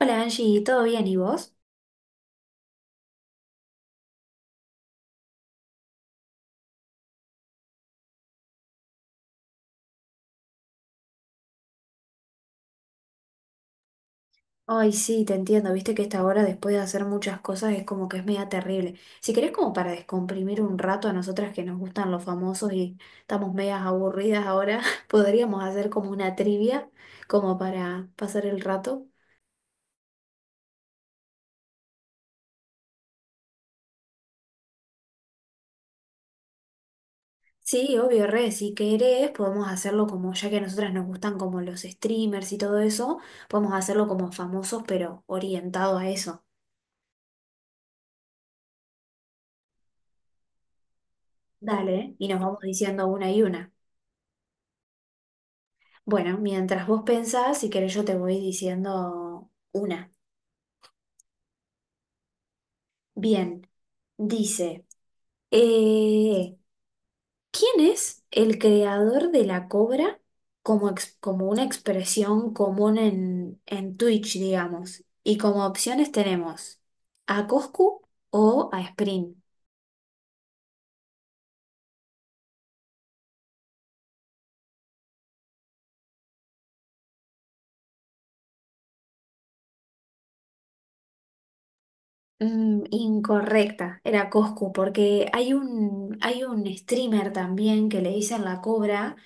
Hola Angie, ¿todo bien? ¿Y vos? Ay, sí, te entiendo, viste que esta hora después de hacer muchas cosas es como que es media terrible. Si querés como para descomprimir un rato a nosotras que nos gustan los famosos y estamos medias aburridas ahora, podríamos hacer como una trivia, como para pasar el rato. Sí, obvio, re, si querés podemos hacerlo como, ya que a nosotras nos gustan como los streamers y todo eso, podemos hacerlo como famosos pero orientado a eso. Dale. Y nos vamos diciendo una y una. Bueno, mientras vos pensás, si querés yo te voy diciendo una. Bien, dice, eh, ¿quién es el creador de la cobra como, como una expresión común en Twitch, digamos? Y como opciones tenemos a Coscu o a Spring. Mm, incorrecta, era Coscu, porque hay un streamer también que le dicen La Cobra.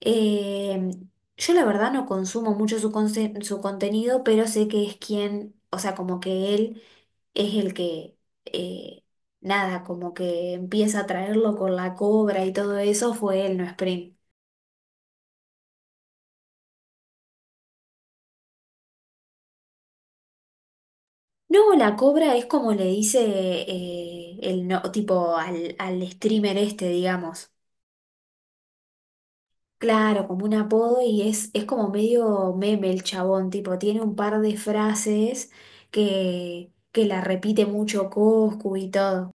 Eh, yo la verdad no consumo mucho su, su contenido, pero sé que es quien, o sea, como que él es el que, eh, nada, como que empieza a traerlo con La Cobra y todo eso, fue él, no Spring. No, La Cobra es como le dice el no, tipo al streamer este, digamos. Claro, como un apodo y es como medio meme el chabón, tipo, tiene un par de frases que la repite mucho Coscu y todo.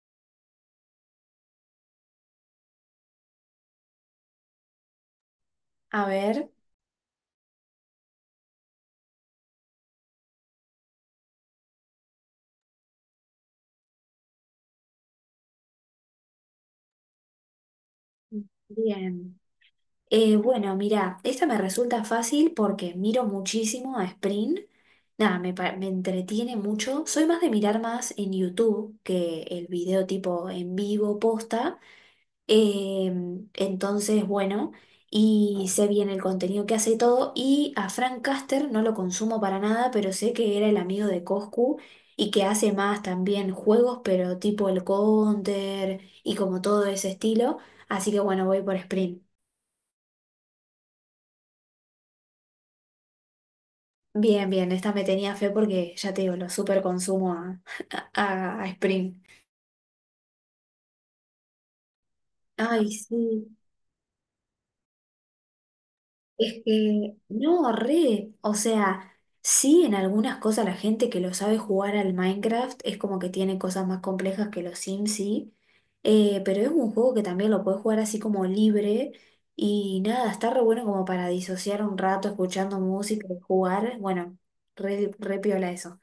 A ver, bien. Bueno, mira, esta me resulta fácil porque miro muchísimo a Sprint. Nada, me entretiene mucho. Soy más de mirar más en YouTube que el video tipo en vivo posta. Entonces, bueno, y sé bien el contenido que hace y todo. Y a Frank Caster no lo consumo para nada, pero sé que era el amigo de Coscu y que hace más también juegos, pero tipo el Counter y como todo ese estilo. Así que bueno, voy por Sprint. Bien, bien, esta me tenía fe porque ya te digo, lo super consumo a a Sprint. Ay, sí. Es que, no, re, o sea, sí en algunas cosas la gente que lo sabe jugar al Minecraft es como que tiene cosas más complejas que los Sims, sí, pero es un juego que también lo puedes jugar así como libre y nada, está re bueno como para disociar un rato escuchando música y jugar, bueno, re, re piola eso.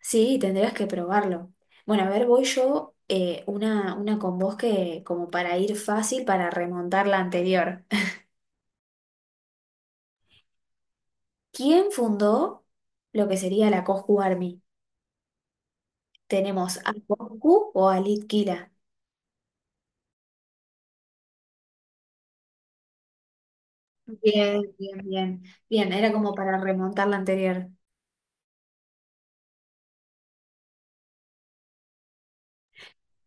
Sí, tendrías que probarlo. Bueno, a ver, voy yo una con vos que como para ir fácil para remontar la anterior. ¿Quién fundó lo que sería la Coscu Army? Tenemos a Coscu o a Litkila. Bien, bien, bien. Bien, era como para remontar la anterior.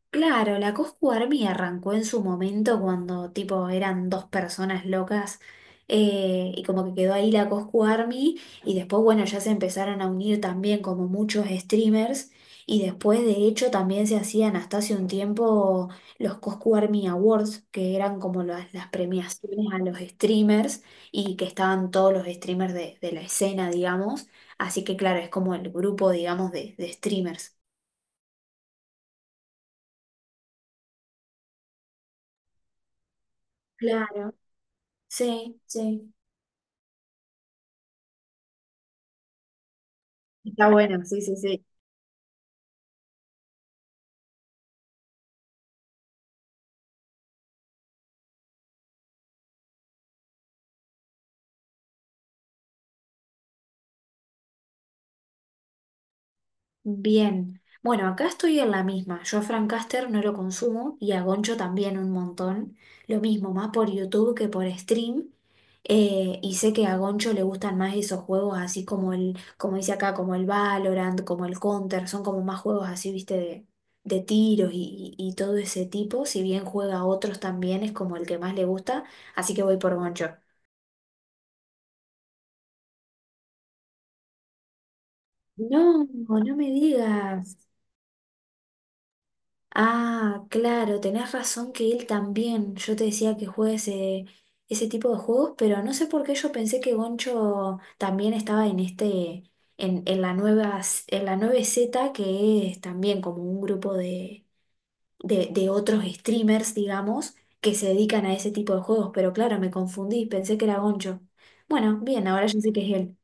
Claro, la Coscu Army arrancó en su momento cuando tipo eran dos personas locas y como que quedó ahí la Coscu Army y después bueno ya se empezaron a unir también como muchos streamers y después de hecho también se hacían hasta hace un tiempo los Coscu Army Awards que eran como las premiaciones a los streamers y que estaban todos los streamers de la escena digamos, así que claro es como el grupo digamos de streamers. Claro, sí, sí. Está bueno, sí, sí, sí. Bien. Bueno, acá estoy en la misma. Yo a Frank Caster no lo consumo y a Goncho también un montón. Lo mismo, más por YouTube que por stream. Y sé que a Goncho le gustan más esos juegos así como el, como dice acá, como el Valorant, como el Counter. Son como más juegos así, viste, de tiros y todo ese tipo. Si bien juega a otros también, es como el que más le gusta. Así que voy por Goncho. No, no me digas. Ah, claro, tenés razón que él también. Yo te decía que juegue ese, ese tipo de juegos, pero no sé por qué yo pensé que Goncho también estaba en este, en la nueva, en la nueve z que es también como un grupo de otros streamers, digamos, que se dedican a ese tipo de juegos. Pero claro, me confundí, pensé que era Goncho. Bueno, bien, ahora yo sé que es él.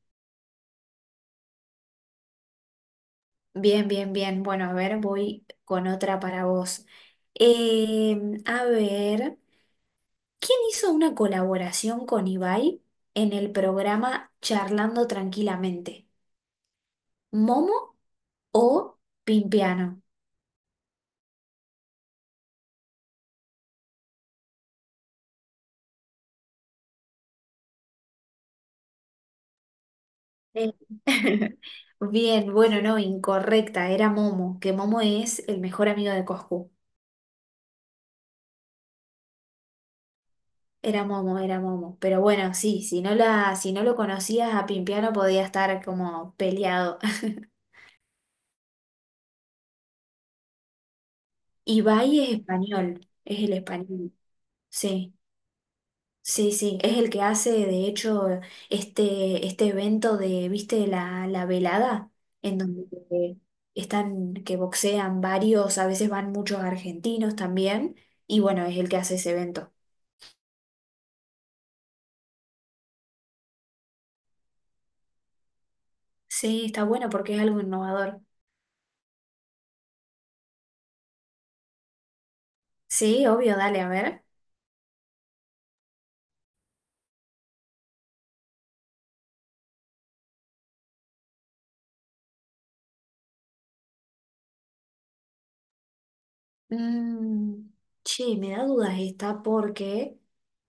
Bien, bien, bien. Bueno, a ver, voy con otra para vos. A ver. ¿Quién hizo una colaboración con Ibai en el programa Charlando Tranquilamente? ¿Momo o Pimpiano? Eh, bien, bueno, no, incorrecta, era Momo, que Momo es el mejor amigo de Coscu. Era Momo, era Momo. Pero bueno, sí, si no lo conocías a Pimpiano podía estar como peleado. Ibai es español, es el español. Sí. Sí, sí, es el que hace, de hecho, este evento de, ¿viste? La velada, en donde eh, están, que boxean varios, a veces van muchos argentinos también, y bueno, es el que hace ese evento. Sí, está bueno porque es algo innovador. Sí, obvio, dale, a ver. Mm, che, me da dudas esta porque,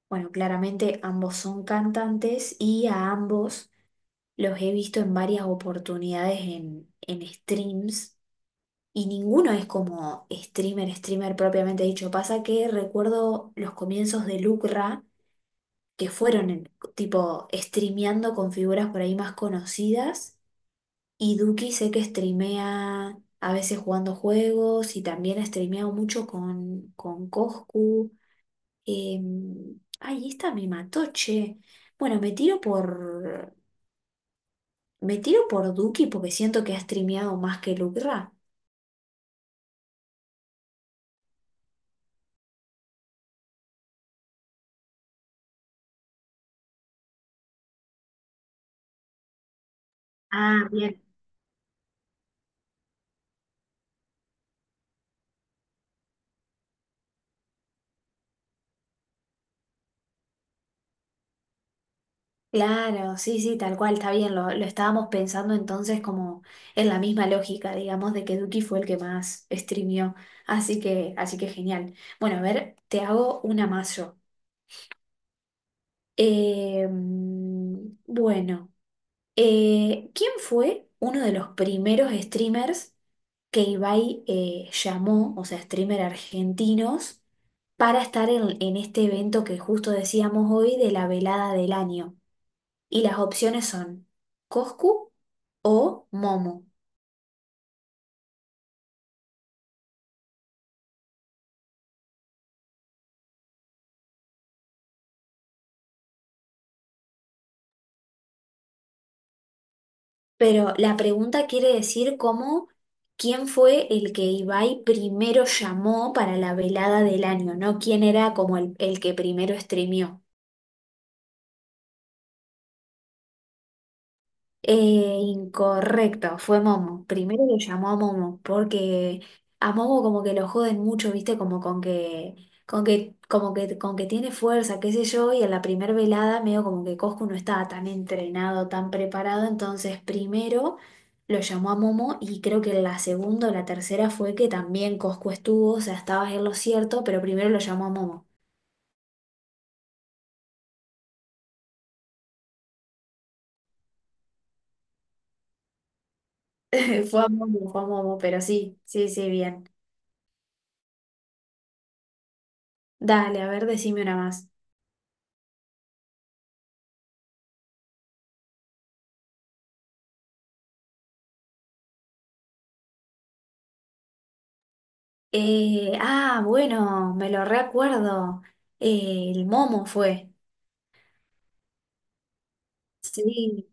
bueno, claramente ambos son cantantes y a ambos los he visto en varias oportunidades en streams. Y ninguno es como streamer, streamer propiamente dicho. Pasa que recuerdo los comienzos de Lucra, que tipo streameando con figuras por ahí más conocidas. Y Duki sé que streamea a veces jugando juegos y también ha streameado mucho con Coscu. Eh, ay, esta me mató, che. Bueno, me tiro por Duki porque siento que ha streameado más que Lucra. Ah, bien. Claro, sí, sí, tal cual, está bien. Lo estábamos pensando entonces como en la misma lógica, digamos, de que Duki fue el que más streamió. Así que genial. Bueno, a ver, te hago una más yo. Mm, bueno, ¿quién fue uno de los primeros streamers que Ibai llamó, o sea, streamer argentinos, para estar en este evento que justo decíamos hoy de la velada del año? Y las opciones son Coscu o Momo. Pero la pregunta quiere decir cómo, quién fue el que Ibai primero llamó para la velada del año, no quién era como el que primero streameó. Incorrecto, fue Momo. Primero lo llamó a Momo, porque a Momo como que lo joden mucho, viste, como con que, como que, con que tiene fuerza, qué sé yo, y en la primer velada medio como que Coscu no estaba tan entrenado, tan preparado, entonces primero lo llamó a Momo y creo que la segunda o la tercera fue que también Coscu estuvo, o sea, estaba en lo cierto, pero primero lo llamó a Momo. Fue a Momo, pero sí, sí, sí, bien. Dale, a ver, decime una más. Ah, bueno, me lo recuerdo. El Momo fue. Sí.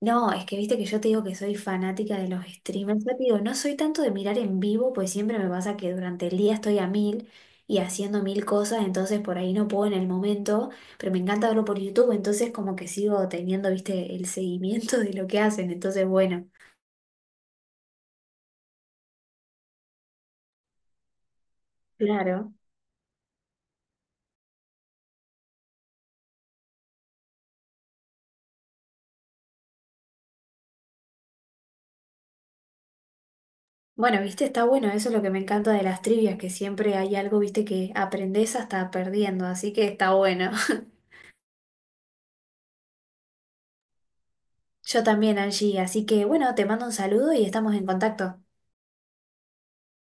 No, es que viste que yo te digo que soy fanática de los streamers. Ya te digo, no soy tanto de mirar en vivo, pues siempre me pasa que durante el día estoy a mil y haciendo mil cosas, entonces por ahí no puedo en el momento, pero me encanta verlo por YouTube, entonces como que sigo teniendo, viste, el seguimiento de lo que hacen. Entonces, bueno, claro. Bueno, viste, está bueno, eso es lo que me encanta de las trivias, que siempre hay algo, viste, que aprendés hasta perdiendo, así que está bueno. Yo también, Angie, así que bueno, te mando un saludo y estamos en contacto.